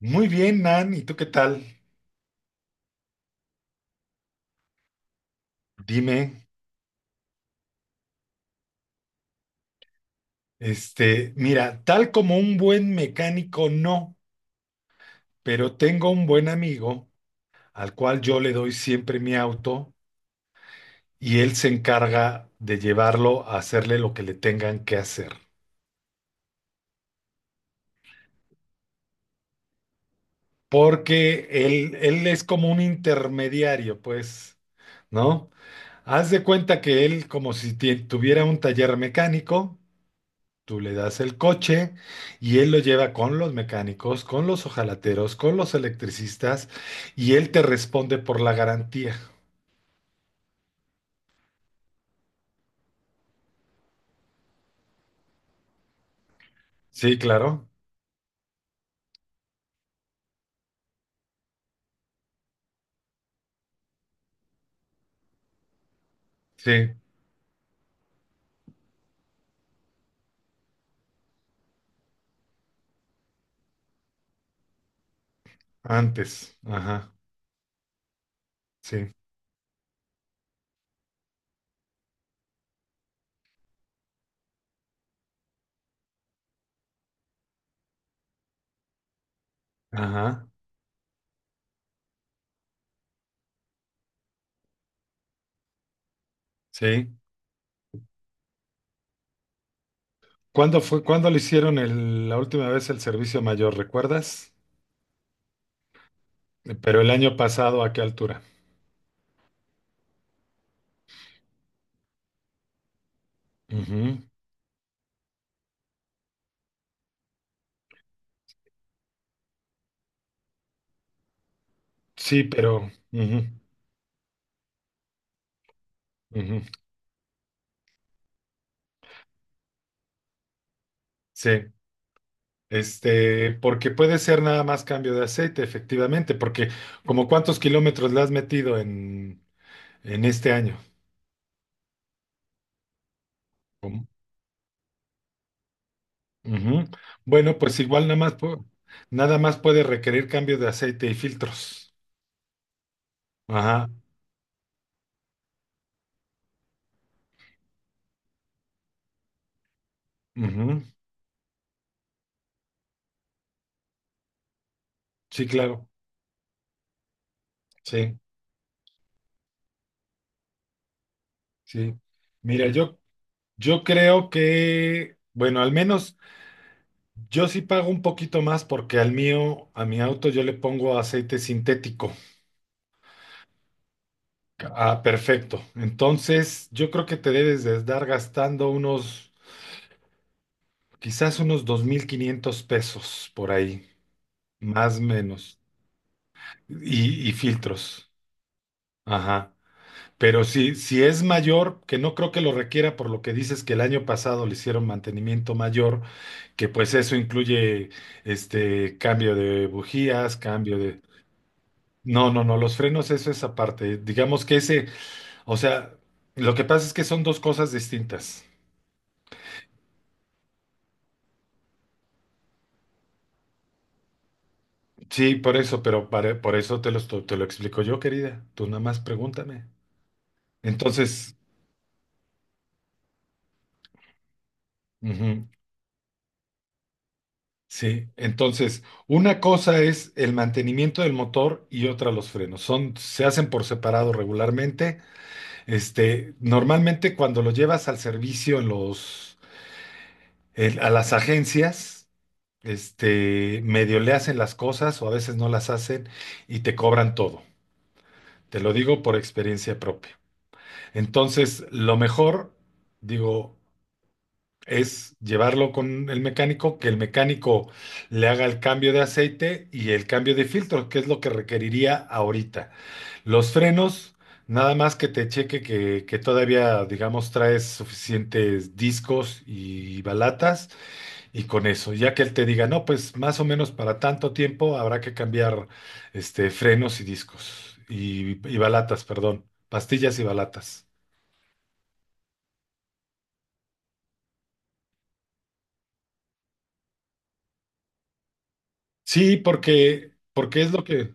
Muy bien, Nan, ¿y tú qué tal? Dime, este, mira, tal como un buen mecánico no, pero tengo un buen amigo al cual yo le doy siempre mi auto y él se encarga de llevarlo a hacerle lo que le tengan que hacer, porque él es como un intermediario, pues, ¿no? Haz de cuenta que él como si tuviera un taller mecánico. Tú le das el coche y él lo lleva con los mecánicos, con los hojalateros, con los electricistas y él te responde por la garantía. Sí, claro. Sí, antes. Ajá. Sí. Ajá. Sí. ¿Cuándo fue, cuándo le hicieron la última vez el servicio mayor, recuerdas? Pero el año pasado, ¿a qué altura? Ujú. Sí, pero... ujú, ujú. Sí. Este, porque puede ser nada más cambio de aceite, efectivamente, porque como cuántos kilómetros le has metido en este año. Como- Ujú. Bueno, pues igual nada más, nada más puede requerir cambio de aceite y filtros. Ajá. Ujú. Sí, claro. Sí, sí. Mira, yo creo que, bueno, al menos yo sí pago un poquito más porque al mío, a mi auto yo le pongo aceite sintético. Ah, perfecto. Entonces, yo creo que te debes de estar gastando unos, quizás unos 2500 pesos por ahí, más menos, y filtros. Ajá. Pero si es mayor, que no creo que lo requiera por lo que dices que el año pasado le hicieron mantenimiento mayor, que pues eso incluye este cambio de bujías, cambio de... No, no, no, los frenos, eso es aparte. Digamos que ese, o sea, lo que pasa es que son dos cosas distintas. Sí, por eso, por eso te lo, te lo explico yo, querida. Tú nada más pregúntame. Entonces, ujú, sí, entonces, una cosa es el mantenimiento del motor y otra los frenos. Son, se hacen por separado regularmente. Este, normalmente cuando lo llevas al servicio en los, a las agencias, este, medio le hacen las cosas o a veces no las hacen y te cobran todo. Te lo digo por experiencia propia. Entonces, lo mejor, digo, es llevarlo con el mecánico, que el mecánico le haga el cambio de aceite y el cambio de filtro, que es lo que requeriría ahorita. Los frenos, nada más que te cheque que todavía, digamos, traes suficientes discos y balatas y con eso, ya que él te diga, no, pues más o menos para tanto tiempo habrá que cambiar este, frenos y discos y balatas, perdón, pastillas y balatas. Sí, porque es lo que...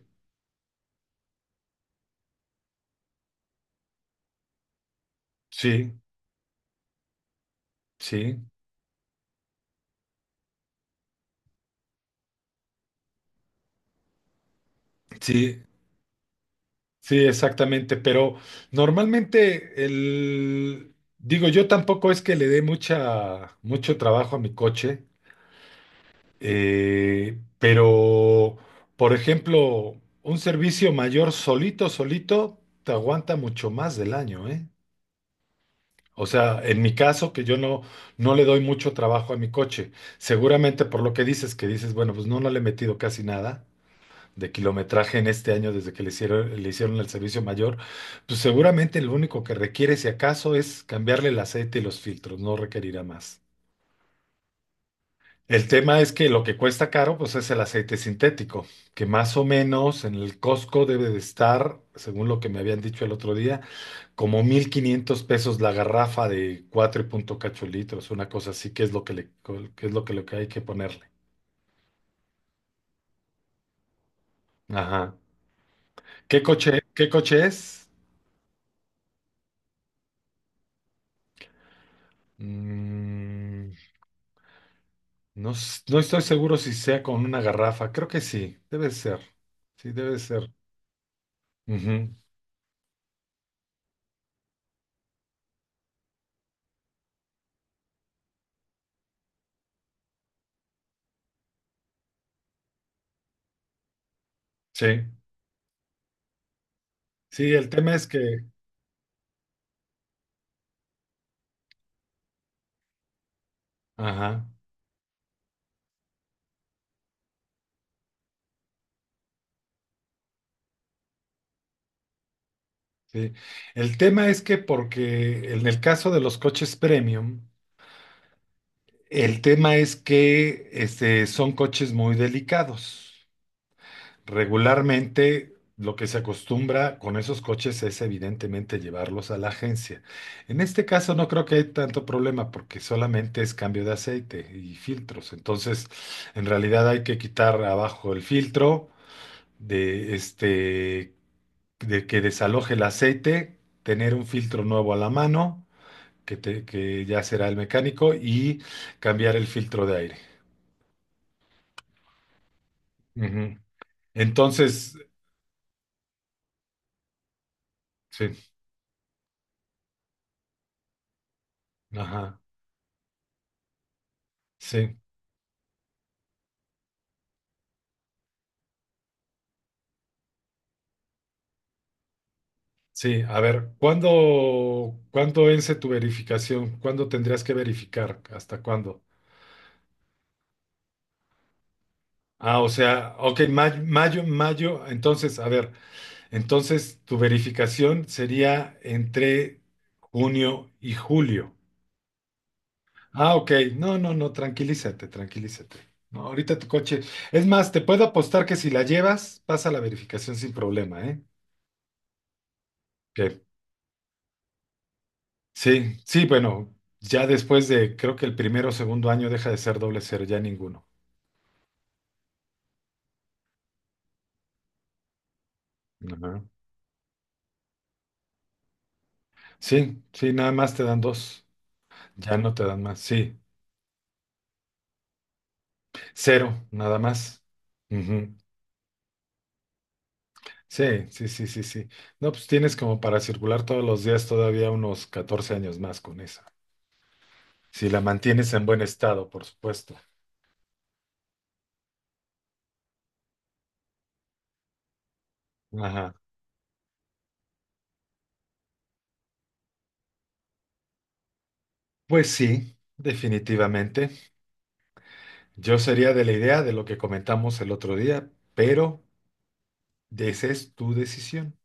Sí, sí. Sí, sí, exactamente, pero normalmente el, digo, yo tampoco es que le dé mucha, mucho trabajo a mi coche, pero, por ejemplo, un servicio mayor solito, solito, te aguanta mucho más del año, ¿eh? O sea, en mi caso, que yo no, no le doy mucho trabajo a mi coche, seguramente por lo que dices, bueno, pues no le he metido casi nada. De kilometraje en este año desde que le hicieron el servicio mayor, pues seguramente lo único que requiere, si acaso, es cambiarle el aceite y los filtros, no requerirá más. El tema es que lo que cuesta caro, pues es el aceite sintético, que más o menos en el Costco debe de estar, según lo que me habían dicho el otro día, como 1500 pesos la garrafa de 4 y punto cacho litros, una cosa así, que es lo que le, que es lo que hay que ponerle. Ajá. Qué coche es? Mm, no, no estoy seguro si sea con una garrafa. Creo que sí, debe ser. Sí, debe ser. Ujú, sí, sí, el tema es que, ajá, sí. El tema es que porque en el caso de los coches premium, el tema es que este, son coches muy delicados. Regularmente lo que se acostumbra con esos coches es evidentemente llevarlos a la agencia. En este caso no creo que hay tanto problema porque solamente es cambio de aceite y filtros. Entonces, en realidad hay que quitar abajo el filtro de este de que desaloje el aceite, tener un filtro nuevo a la mano, que ya será el mecánico y cambiar el filtro de aire. Ujú. Entonces, sí, ajá, sí. Sí, a ver, ¿cuándo vence tu verificación? ¿Cuándo tendrías que verificar? ¿Hasta cuándo? Ah, o sea, ok, mayo, mayo, mayo. Entonces, a ver, entonces tu verificación sería entre junio y julio. Ah, ok, no, no, no, tranquilízate, tranquilízate. No, ahorita tu coche. Es más, te puedo apostar que si la llevas, pasa la verificación sin problema, ¿eh? Ok. Sí, sí, bueno, ya después de, creo que el primero o segundo año deja de ser doble cero, ya ninguno. Ajá. Sí, sí, nada más te dan dos, ya no te dan más, sí, cero, nada más. Ujú. Sí, sí, sí, sí, sí. No, pues tienes como para circular todos los días todavía unos 14 años más con esa. Si la mantienes en buen estado, por supuesto. Ajá. Pues sí, definitivamente. Yo sería de la idea de lo que comentamos el otro día, pero esa es tu decisión.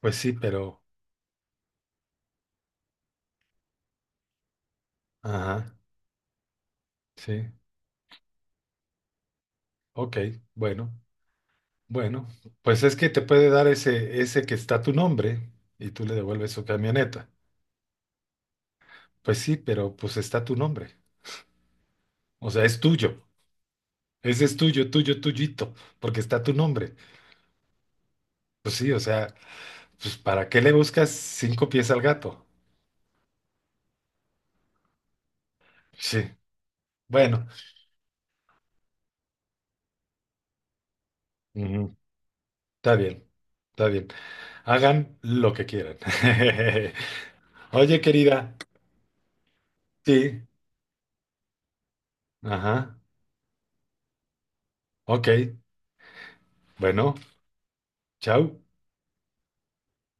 Pues sí, pero, ajá, sí, ok, bueno, bueno, pues es que te puede dar ese, ese que está tu nombre y tú le devuelves su camioneta. Pues sí, pero pues está tu nombre, o sea, es tuyo, ese es tuyo, tuyo, tuyito, porque está tu nombre. Pues sí, o sea, pues ¿para qué le buscas cinco pies al gato? Sí, bueno, ujú, está bien, está bien, hagan lo que quieran. Oye, querida, sí, ajá, ok, bueno. Chao.